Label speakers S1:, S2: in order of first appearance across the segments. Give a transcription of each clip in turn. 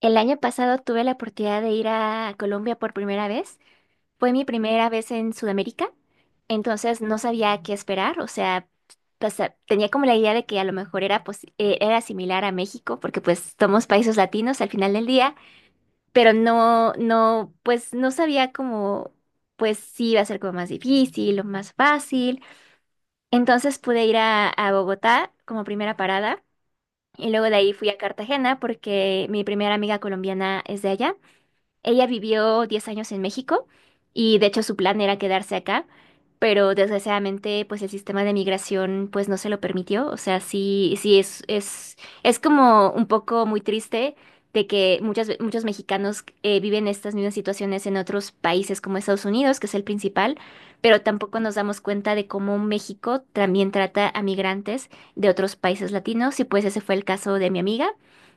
S1: El año pasado tuve la oportunidad de ir a Colombia por primera vez. Fue mi primera vez en Sudamérica, entonces no sabía qué esperar, o sea, pues, tenía como la idea de que a lo mejor era, pues, era similar a México, porque pues somos países latinos al final del día, pero no, no, pues no sabía cómo, pues si iba a ser como más difícil o más fácil. Entonces pude ir a Bogotá como primera parada. Y luego de ahí fui a Cartagena porque mi primera amiga colombiana es de allá. Ella vivió 10 años en México y de hecho su plan era quedarse acá, pero desgraciadamente pues el sistema de migración pues no se lo permitió. O sea, sí, sí es es como un poco muy triste de que muchos mexicanos viven estas mismas situaciones en otros países como Estados Unidos, que es el principal, pero tampoco nos damos cuenta de cómo México también trata a migrantes de otros países latinos y pues ese fue el caso de mi amiga,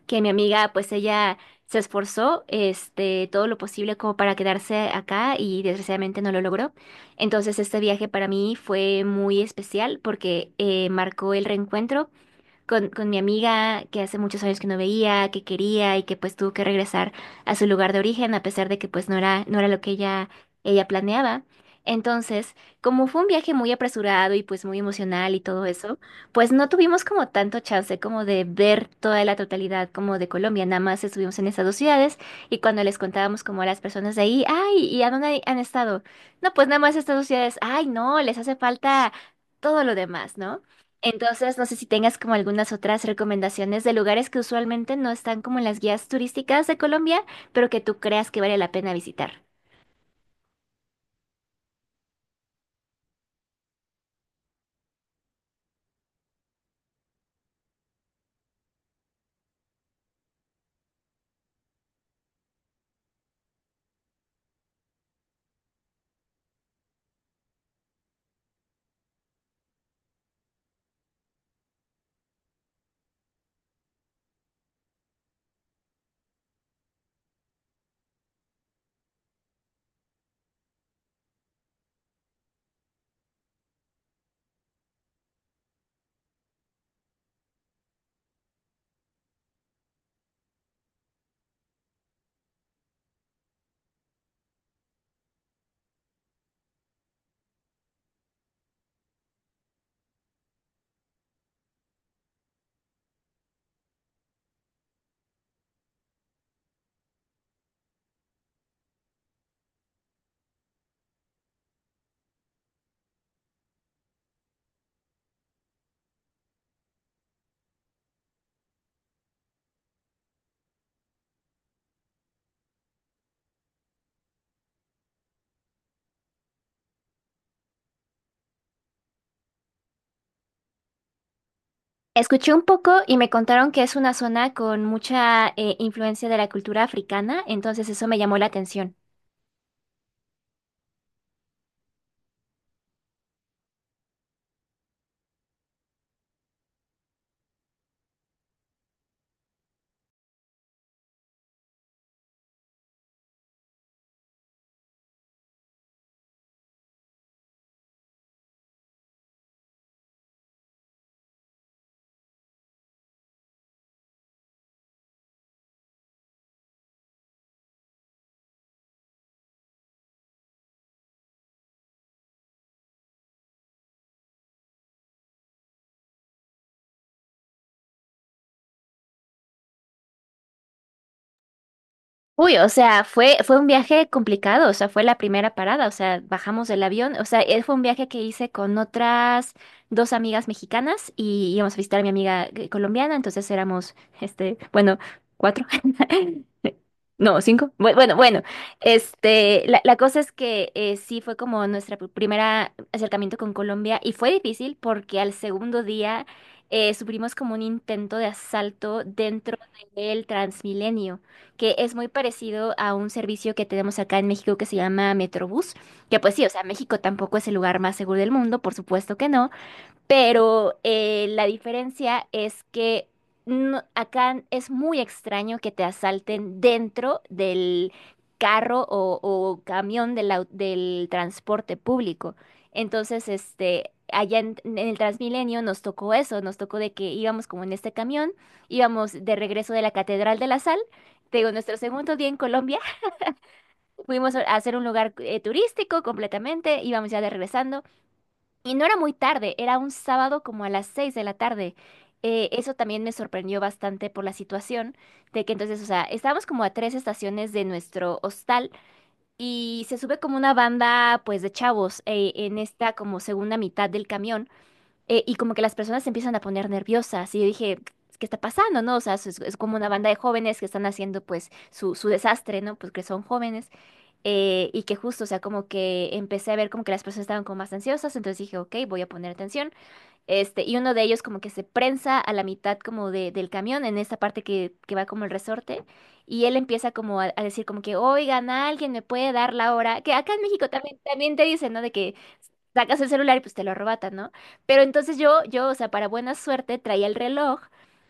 S1: que mi amiga pues ella se esforzó todo lo posible como para quedarse acá y desgraciadamente no lo logró. Entonces este viaje para mí fue muy especial porque marcó el reencuentro con mi amiga que hace muchos años que no veía, que quería y que pues tuvo que regresar a su lugar de origen a pesar de que pues no era lo que ella planeaba. Entonces, como fue un viaje muy apresurado y pues muy emocional y todo eso, pues no tuvimos como tanto chance como de ver toda la totalidad como de Colombia, nada más estuvimos en esas dos ciudades y cuando les contábamos como a las personas de ahí, ay, ¿y a dónde han estado? No, pues nada más estas dos ciudades, ay, no, les hace falta todo lo demás, ¿no? Entonces, no sé si tengas como algunas otras recomendaciones de lugares que usualmente no están como en las guías turísticas de Colombia, pero que tú creas que vale la pena visitar. Escuché un poco y me contaron que es una zona con mucha influencia de la cultura africana, entonces eso me llamó la atención. Uy, o sea, fue un viaje complicado, o sea, fue la primera parada, o sea, bajamos del avión, o sea, fue un viaje que hice con otras dos amigas mexicanas y íbamos a visitar a mi amiga colombiana, entonces éramos, bueno, cuatro, no, cinco, bueno, bueno, la cosa es que sí fue como nuestra primera acercamiento con Colombia y fue difícil porque al segundo día sufrimos como un intento de asalto dentro del Transmilenio que es muy parecido a un servicio que tenemos acá en México que se llama Metrobús, que pues sí, o sea, México tampoco es el lugar más seguro del mundo, por supuesto que no, pero la diferencia es que acá es muy extraño que te asalten dentro del carro o camión del transporte público. Entonces, allá en el Transmilenio nos tocó eso, nos tocó de que íbamos como en este camión, íbamos de regreso de la Catedral de la Sal. Te digo, nuestro segundo día en Colombia, fuimos a hacer un lugar turístico completamente, íbamos ya de regresando. Y no era muy tarde, era un sábado como a las 6 de la tarde. Eso también me sorprendió bastante por la situación de que entonces, o sea, estábamos como a 3 estaciones de nuestro hostal y se sube como una banda pues de chavos en esta como segunda mitad del camión y como que las personas se empiezan a poner nerviosas y yo dije, ¿qué está pasando, no? O sea, es como una banda de jóvenes que están haciendo pues su desastre, ¿no? Pues que son jóvenes y que justo, o sea, como que empecé a ver como que las personas estaban como más ansiosas, entonces dije, ok, voy a poner atención. Y uno de ellos como que se prensa a la mitad como del camión, en esta parte que va como el resorte, y él empieza como a decir como que, oigan, alguien me puede dar la hora, que acá en México también, también te dicen, ¿no? De que sacas el celular y pues te lo arrebatan, ¿no? Pero entonces yo, o sea, para buena suerte traía el reloj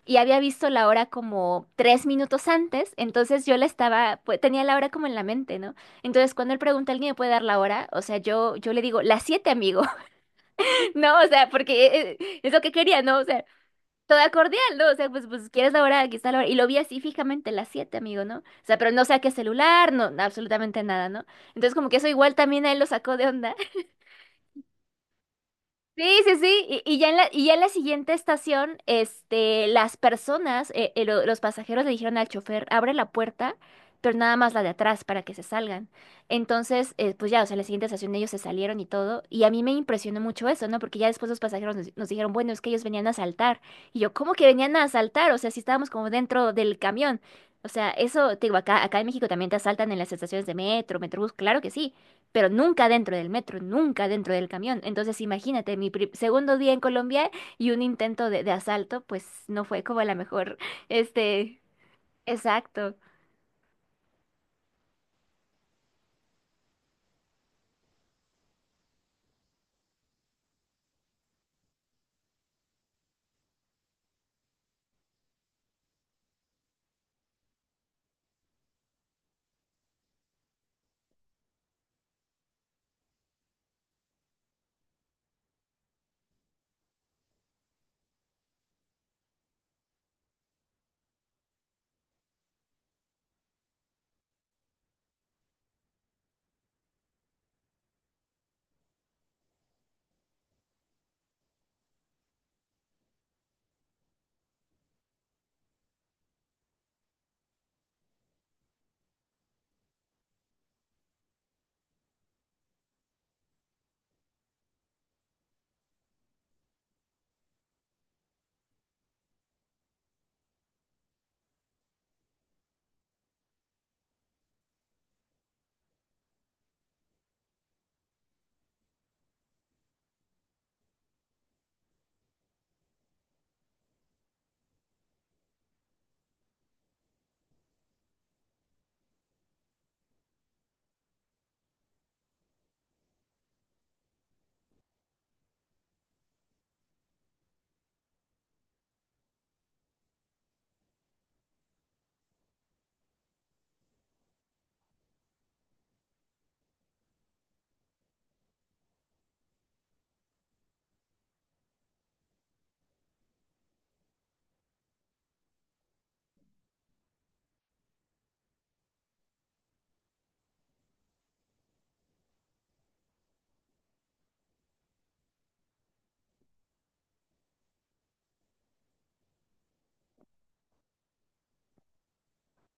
S1: y había visto la hora como 3 minutos antes, entonces yo la estaba, pues tenía la hora como en la mente, ¿no? Entonces cuando él pregunta, ¿alguien me puede dar la hora? O sea, yo le digo, las 7, amigo, ¿no? O sea, porque es lo que quería, ¿no? O sea, toda cordial, ¿no? O sea, pues, pues, ¿quieres la hora? Aquí está la hora. Y lo vi así fijamente, las 7, amigo, ¿no? O sea, pero no saqué celular, no, absolutamente nada, ¿no? Entonces como que eso igual también a él lo sacó de onda. Sí, sí, sí, y ya en la, y ya en la siguiente estación, las personas, los pasajeros le dijeron al chofer, abre la puerta, pero nada más la de atrás para que se salgan. Entonces, pues ya, o sea, en la siguiente estación ellos se salieron y todo, y a mí me impresionó mucho eso, ¿no? Porque ya después los pasajeros nos dijeron, bueno, es que ellos venían a asaltar. Y yo, ¿cómo que venían a asaltar? O sea, si estábamos como dentro del camión. O sea, eso, te digo, acá en México también te asaltan en las estaciones de metro, metrobús, claro que sí pero nunca dentro del metro, nunca dentro del camión. Entonces, imagínate, mi segundo día en Colombia y un intento de asalto, pues no fue como la mejor, este, exacto.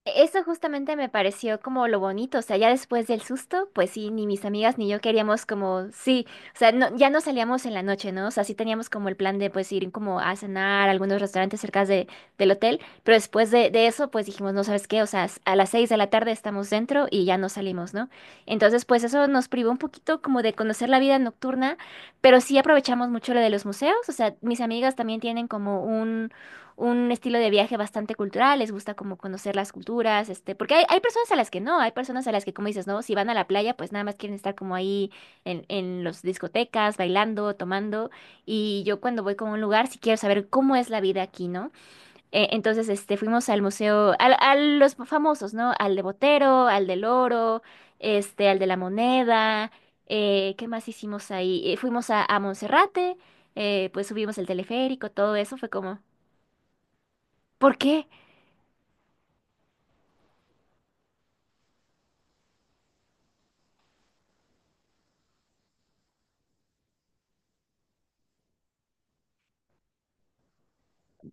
S1: Eso justamente me pareció como lo bonito, o sea, ya después del susto, pues sí, ni mis amigas ni yo queríamos como, sí, o sea, ya no salíamos en la noche, ¿no? O sea, sí teníamos como el plan de pues ir como a cenar a algunos restaurantes cerca del hotel, pero después de eso, pues dijimos, no sabes qué, o sea, a las 6 de la tarde estamos dentro y ya no salimos, ¿no? Entonces, pues eso nos privó un poquito como de conocer la vida nocturna, pero sí aprovechamos mucho lo de los museos, o sea, mis amigas también tienen como un estilo de viaje bastante cultural, les gusta como conocer las culturas, porque hay personas a las que no, hay personas a las que, como dices, no, si van a la playa, pues nada más quieren estar como ahí en las discotecas, bailando, tomando, y yo cuando voy como a un lugar, sí quiero saber cómo es la vida aquí, ¿no? Entonces, fuimos al museo, a los famosos, ¿no? Al de Botero, al del Oro, al de la Moneda, ¿qué más hicimos ahí? Fuimos a Monserrate, pues subimos el teleférico, todo eso fue como, ¿por qué?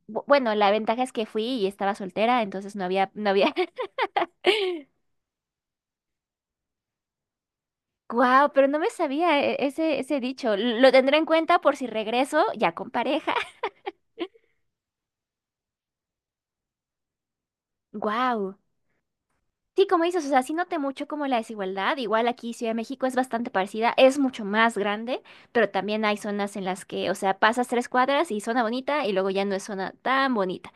S1: Bueno, la ventaja es que fui y estaba soltera, entonces no había, no había. Wow, pero no me sabía ese dicho. Lo tendré en cuenta por si regreso ya con pareja. Wow. Sí, como dices, o sea, sí noté mucho como la desigualdad. Igual aquí Ciudad de México es bastante parecida, es mucho más grande, pero también hay zonas en las que, o sea, pasas tres cuadras y zona bonita y luego ya no es zona tan bonita,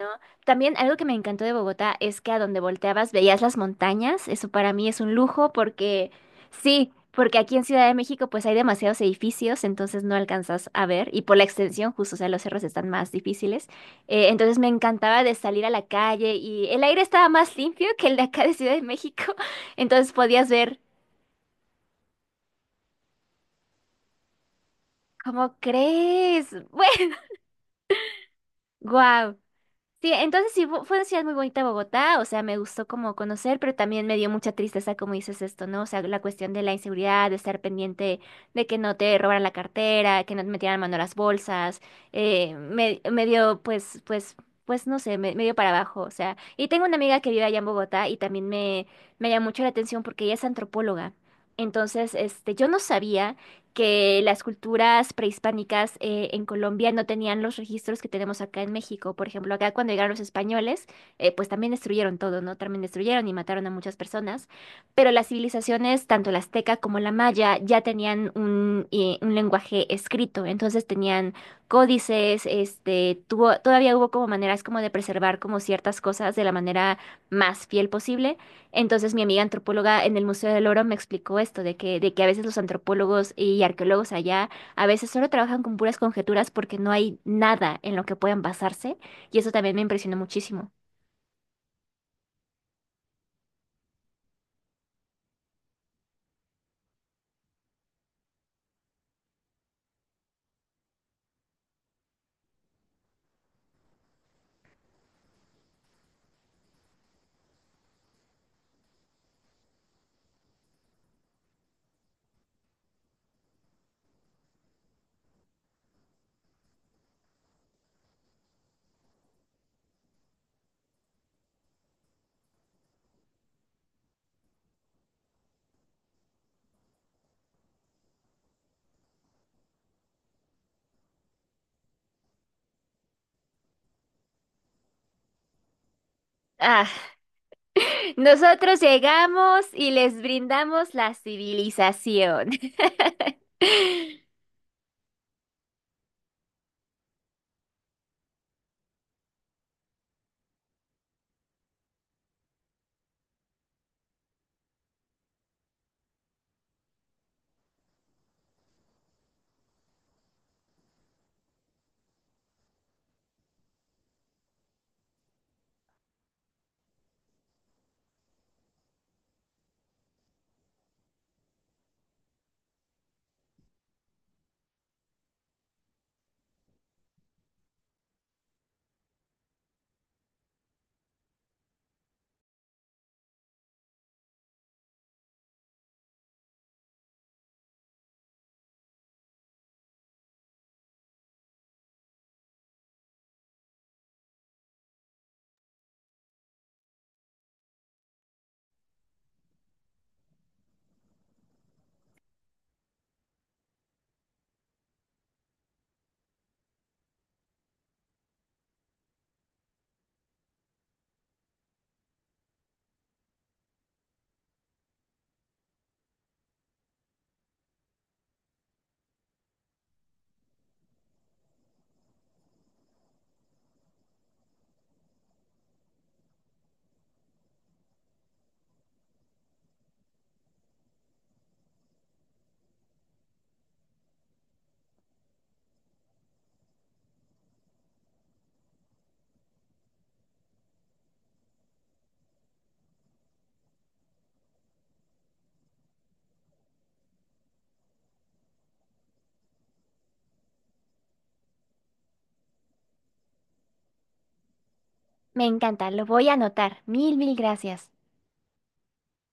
S1: ¿no? También algo que me encantó de Bogotá es que a donde volteabas veías las montañas. Eso para mí es un lujo porque sí, porque aquí en Ciudad de México pues hay demasiados edificios, entonces no alcanzas a ver y por la extensión justo, o sea, los cerros están más difíciles. Entonces me encantaba de salir a la calle y el aire estaba más limpio que el de acá de Ciudad de México, entonces podías ver, ¿cómo crees? Bueno, wow. Sí, entonces sí, fue una ciudad muy bonita Bogotá, o sea, me gustó como conocer, pero también me dio mucha tristeza, como dices esto, ¿no? O sea, la cuestión de la inseguridad, de estar pendiente de que no te robaran la cartera, que no te metieran mano a las bolsas, me dio, pues, pues, pues, no sé, me dio para abajo, o sea, y tengo una amiga que vive allá en Bogotá y también me llamó mucho la atención porque ella es antropóloga, entonces, yo no sabía que las culturas prehispánicas en Colombia no tenían los registros que tenemos acá en México. Por ejemplo, acá cuando llegaron los españoles, pues también destruyeron todo, ¿no? También destruyeron y mataron a muchas personas. Pero las civilizaciones, tanto la azteca como la maya, ya tenían un lenguaje escrito. Entonces tenían códices, todavía hubo como maneras como de preservar como ciertas cosas de la manera más fiel posible. Entonces mi amiga antropóloga en el Museo del Oro me explicó esto, de que a veces los antropólogos y arqueólogos allá a veces solo trabajan con puras conjeturas porque no hay nada en lo que puedan basarse y eso también me impresionó muchísimo. Ah, nosotros llegamos y les brindamos la civilización. Me encanta, lo voy a anotar. Mil, mil gracias.